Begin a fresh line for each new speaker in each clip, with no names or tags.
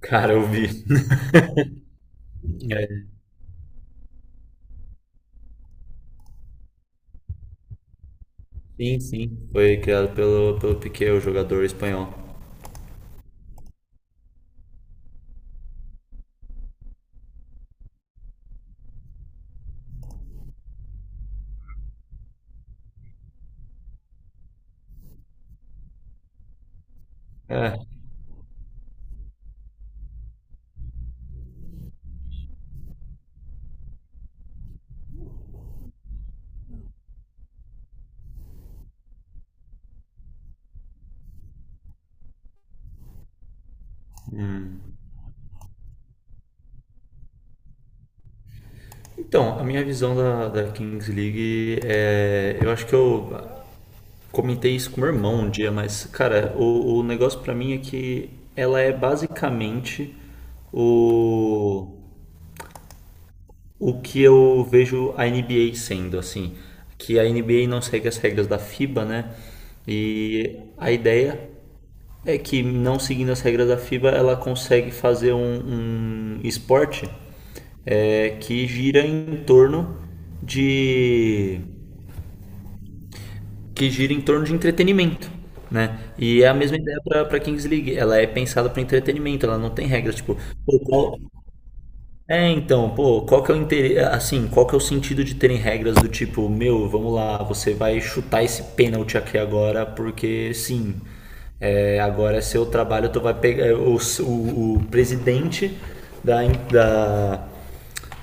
Cara, eu vi. É, sim. Foi criado pelo, pelo Piqué, o jogador espanhol. É. Então, a minha visão da Kings League é... Eu acho que eu comentei isso com meu irmão um dia, mas, cara, o negócio pra mim é que ela é basicamente o, o que eu vejo a NBA sendo, assim. Que a NBA não segue as regras da FIBA, né? E a ideia é que, não seguindo as regras da FIBA, ela consegue fazer um esporte que gira em torno de... que gira em torno de entretenimento, né? E é a mesma ideia para a Kings League. Ela é pensada para entretenimento. Ela não tem regras tipo pô, qual... então, pô, qual que é o interesse, assim, qual que é o sentido de terem regras do tipo, meu, vamos lá, você vai chutar esse pênalti aqui agora, porque sim, agora é seu trabalho, tu vai pegar, o presidente da, da,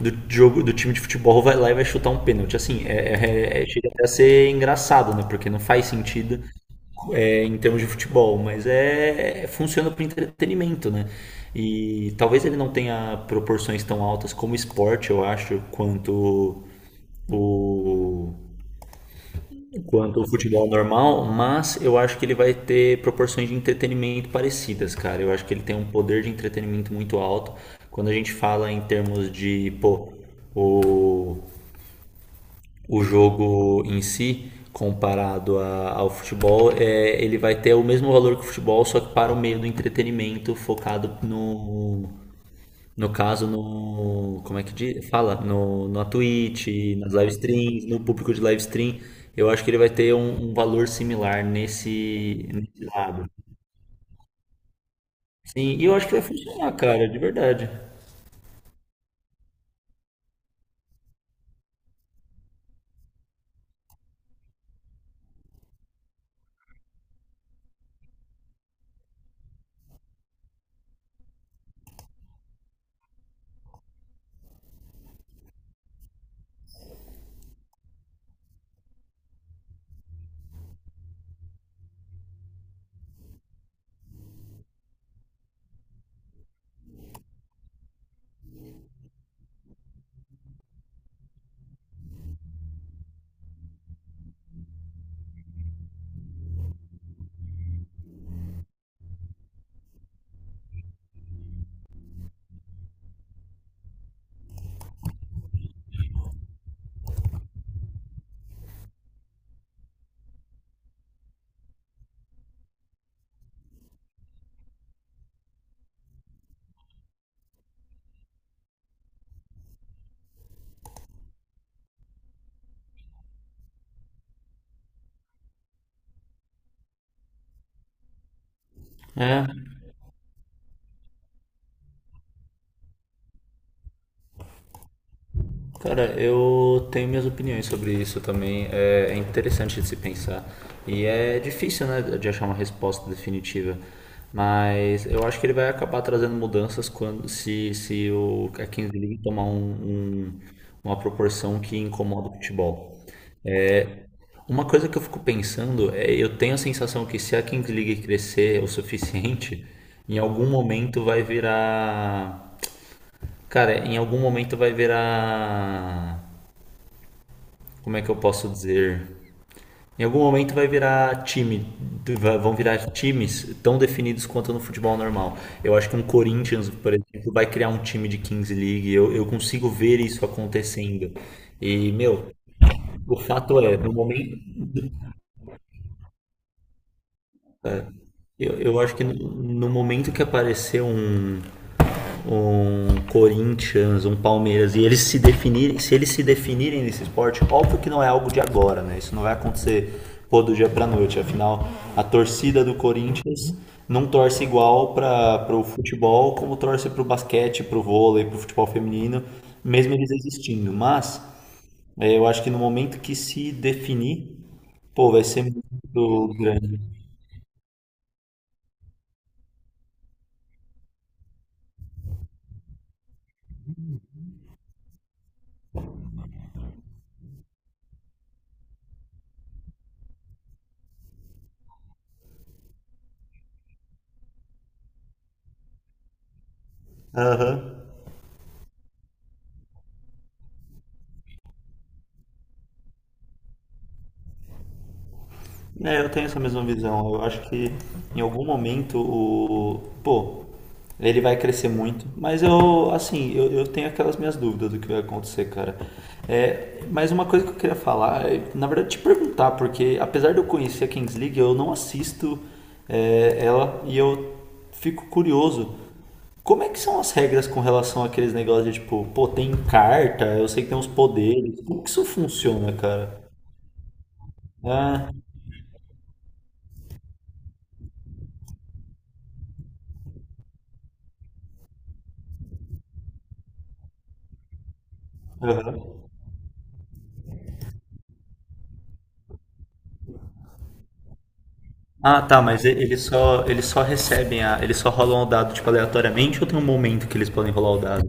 do jogo do time de futebol vai lá e vai chutar um pênalti. Assim, é, chega até a ser engraçado, né? Porque não faz sentido em termos de futebol, mas funciona para entretenimento, né? E talvez ele não tenha proporções tão altas como esporte, eu acho, quanto o... quanto o futebol normal, mas eu acho que ele vai ter proporções de entretenimento parecidas, cara. Eu acho que ele tem um poder de entretenimento muito alto. Quando a gente fala em termos de, pô, o, o jogo em si comparado a- ao futebol, é, ele vai ter o mesmo valor que o futebol, só que para o meio do entretenimento focado no, no caso, no... Como é que diz? Fala? No, na Twitch, nas live streams, no público de live stream. Eu acho que ele vai ter um valor similar nesse, nesse lado. Sim, e eu acho que vai funcionar, cara, de verdade. É. Cara, eu tenho minhas opiniões sobre isso também. É interessante de se pensar. E é difícil, né, de achar uma resposta definitiva. Mas eu acho que ele vai acabar trazendo mudanças quando se a Kings League tomar uma proporção que incomoda o futebol. Uma coisa que eu fico pensando é, eu tenho a sensação que se a Kings League crescer o suficiente, em algum momento vai virar, cara, em algum momento vai virar... como é que eu posso dizer? Em algum momento vai virar time, vão virar times tão definidos quanto no futebol normal. Eu acho que um Corinthians, por exemplo, vai criar um time de Kings League. Eu consigo ver isso acontecendo. E, meu, o fato é, no momento, eu acho que no momento que aparecer um, um Corinthians, um Palmeiras, e eles se definirem, se eles se definirem nesse esporte, óbvio que não é algo de agora, né? Isso não vai acontecer pô, do dia pra noite. Afinal, a torcida do Corinthians não torce igual para o futebol como torce para o basquete, para o vôlei, para o futebol feminino, mesmo eles existindo. Mas é, eu acho que no momento que se definir, pô, vai ser muito grande. Aham. É, eu tenho essa mesma visão. Eu acho que em algum momento o... Pô, ele vai crescer muito. Mas eu, assim, eu tenho aquelas minhas dúvidas do que vai acontecer, cara. É, mas uma coisa que eu queria falar, é, na verdade, te perguntar, porque apesar de eu conhecer a Kings League, eu não assisto ela e eu fico curioso. Como é que são as regras com relação àqueles negócios de tipo, pô, tem carta, eu sei que tem uns poderes. Como que isso funciona, cara? Ah, aham. Ah, tá, mas e- eles só recebem a... Eles só rolam o dado, tipo, aleatoriamente ou tem um momento que eles podem rolar o dado?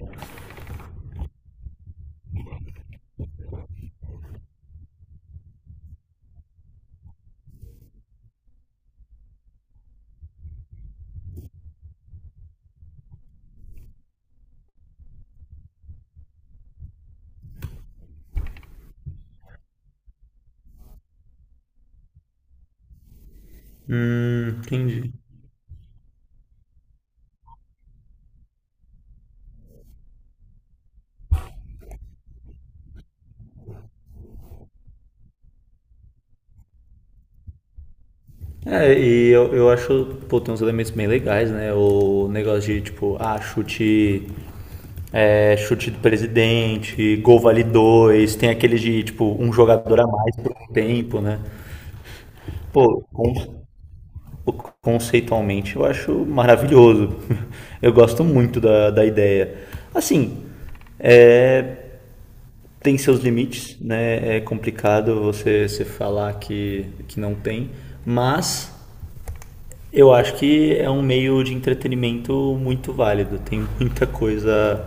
Entendi. É, e eu acho, pô, tem uns elementos bem legais, né? O negócio de, tipo, ah, chute... é, chute do presidente, gol vale dois, tem aquele de, tipo, um jogador a mais por um tempo, né? Pô, conceitualmente eu acho maravilhoso. Eu gosto muito da ideia. Assim, é, tem seus limites, né? É complicado você falar que não tem, mas eu acho que é um meio de entretenimento muito válido. Tem muita coisa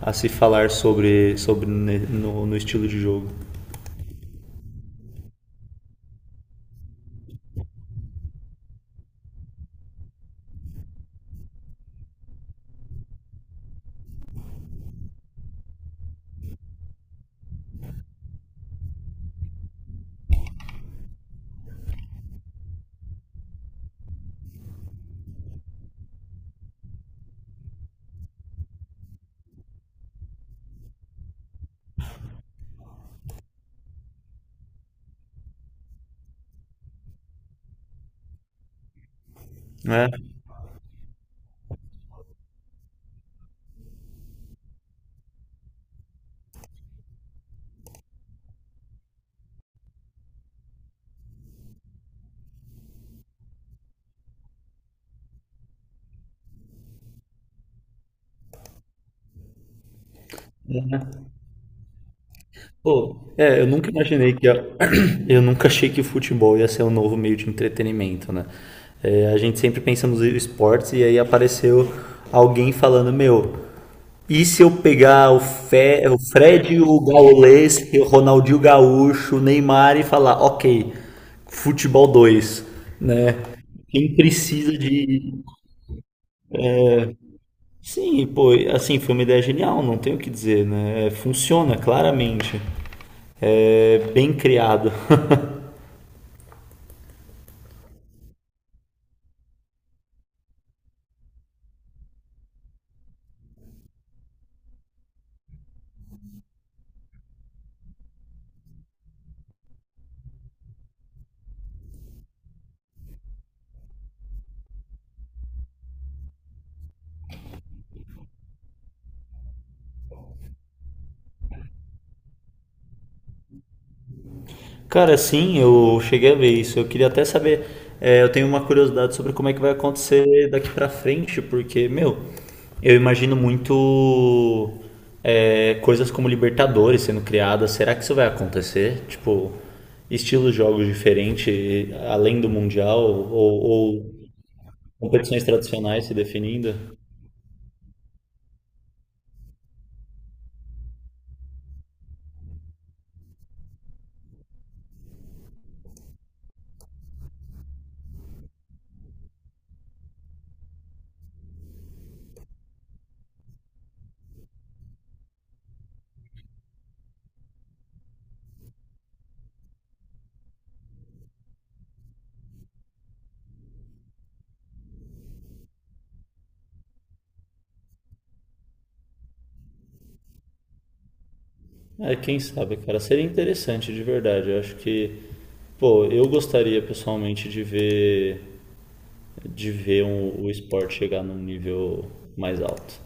a se falar sobre no, no estilo de jogo. Né? É. Pô, é, eu nunca imaginei que a... eu nunca achei que o futebol ia ser um novo meio de entretenimento, né? É, a gente sempre pensa nos esportes e aí apareceu alguém falando, meu, e se eu pegar o, Fe... o Fred, o Gaules, o Ronaldinho Gaúcho, o Neymar e falar, ok, futebol dois, né? Quem precisa de... Sim, pô, assim, foi uma ideia genial, não tenho o que dizer, né? Funciona claramente, é bem criado. Cara, sim, eu cheguei a ver isso. Eu queria até saber, é, eu tenho uma curiosidade sobre como é que vai acontecer daqui pra frente, porque, meu, eu imagino muito é, coisas como Libertadores sendo criadas. Será que isso vai acontecer? Tipo, estilos de jogos diferentes, além do Mundial, ou competições tradicionais se definindo? É, quem sabe, cara. Seria interessante, de verdade. Eu acho que, pô, eu gostaria pessoalmente de ver... de ver um- o esporte chegar num nível mais alto.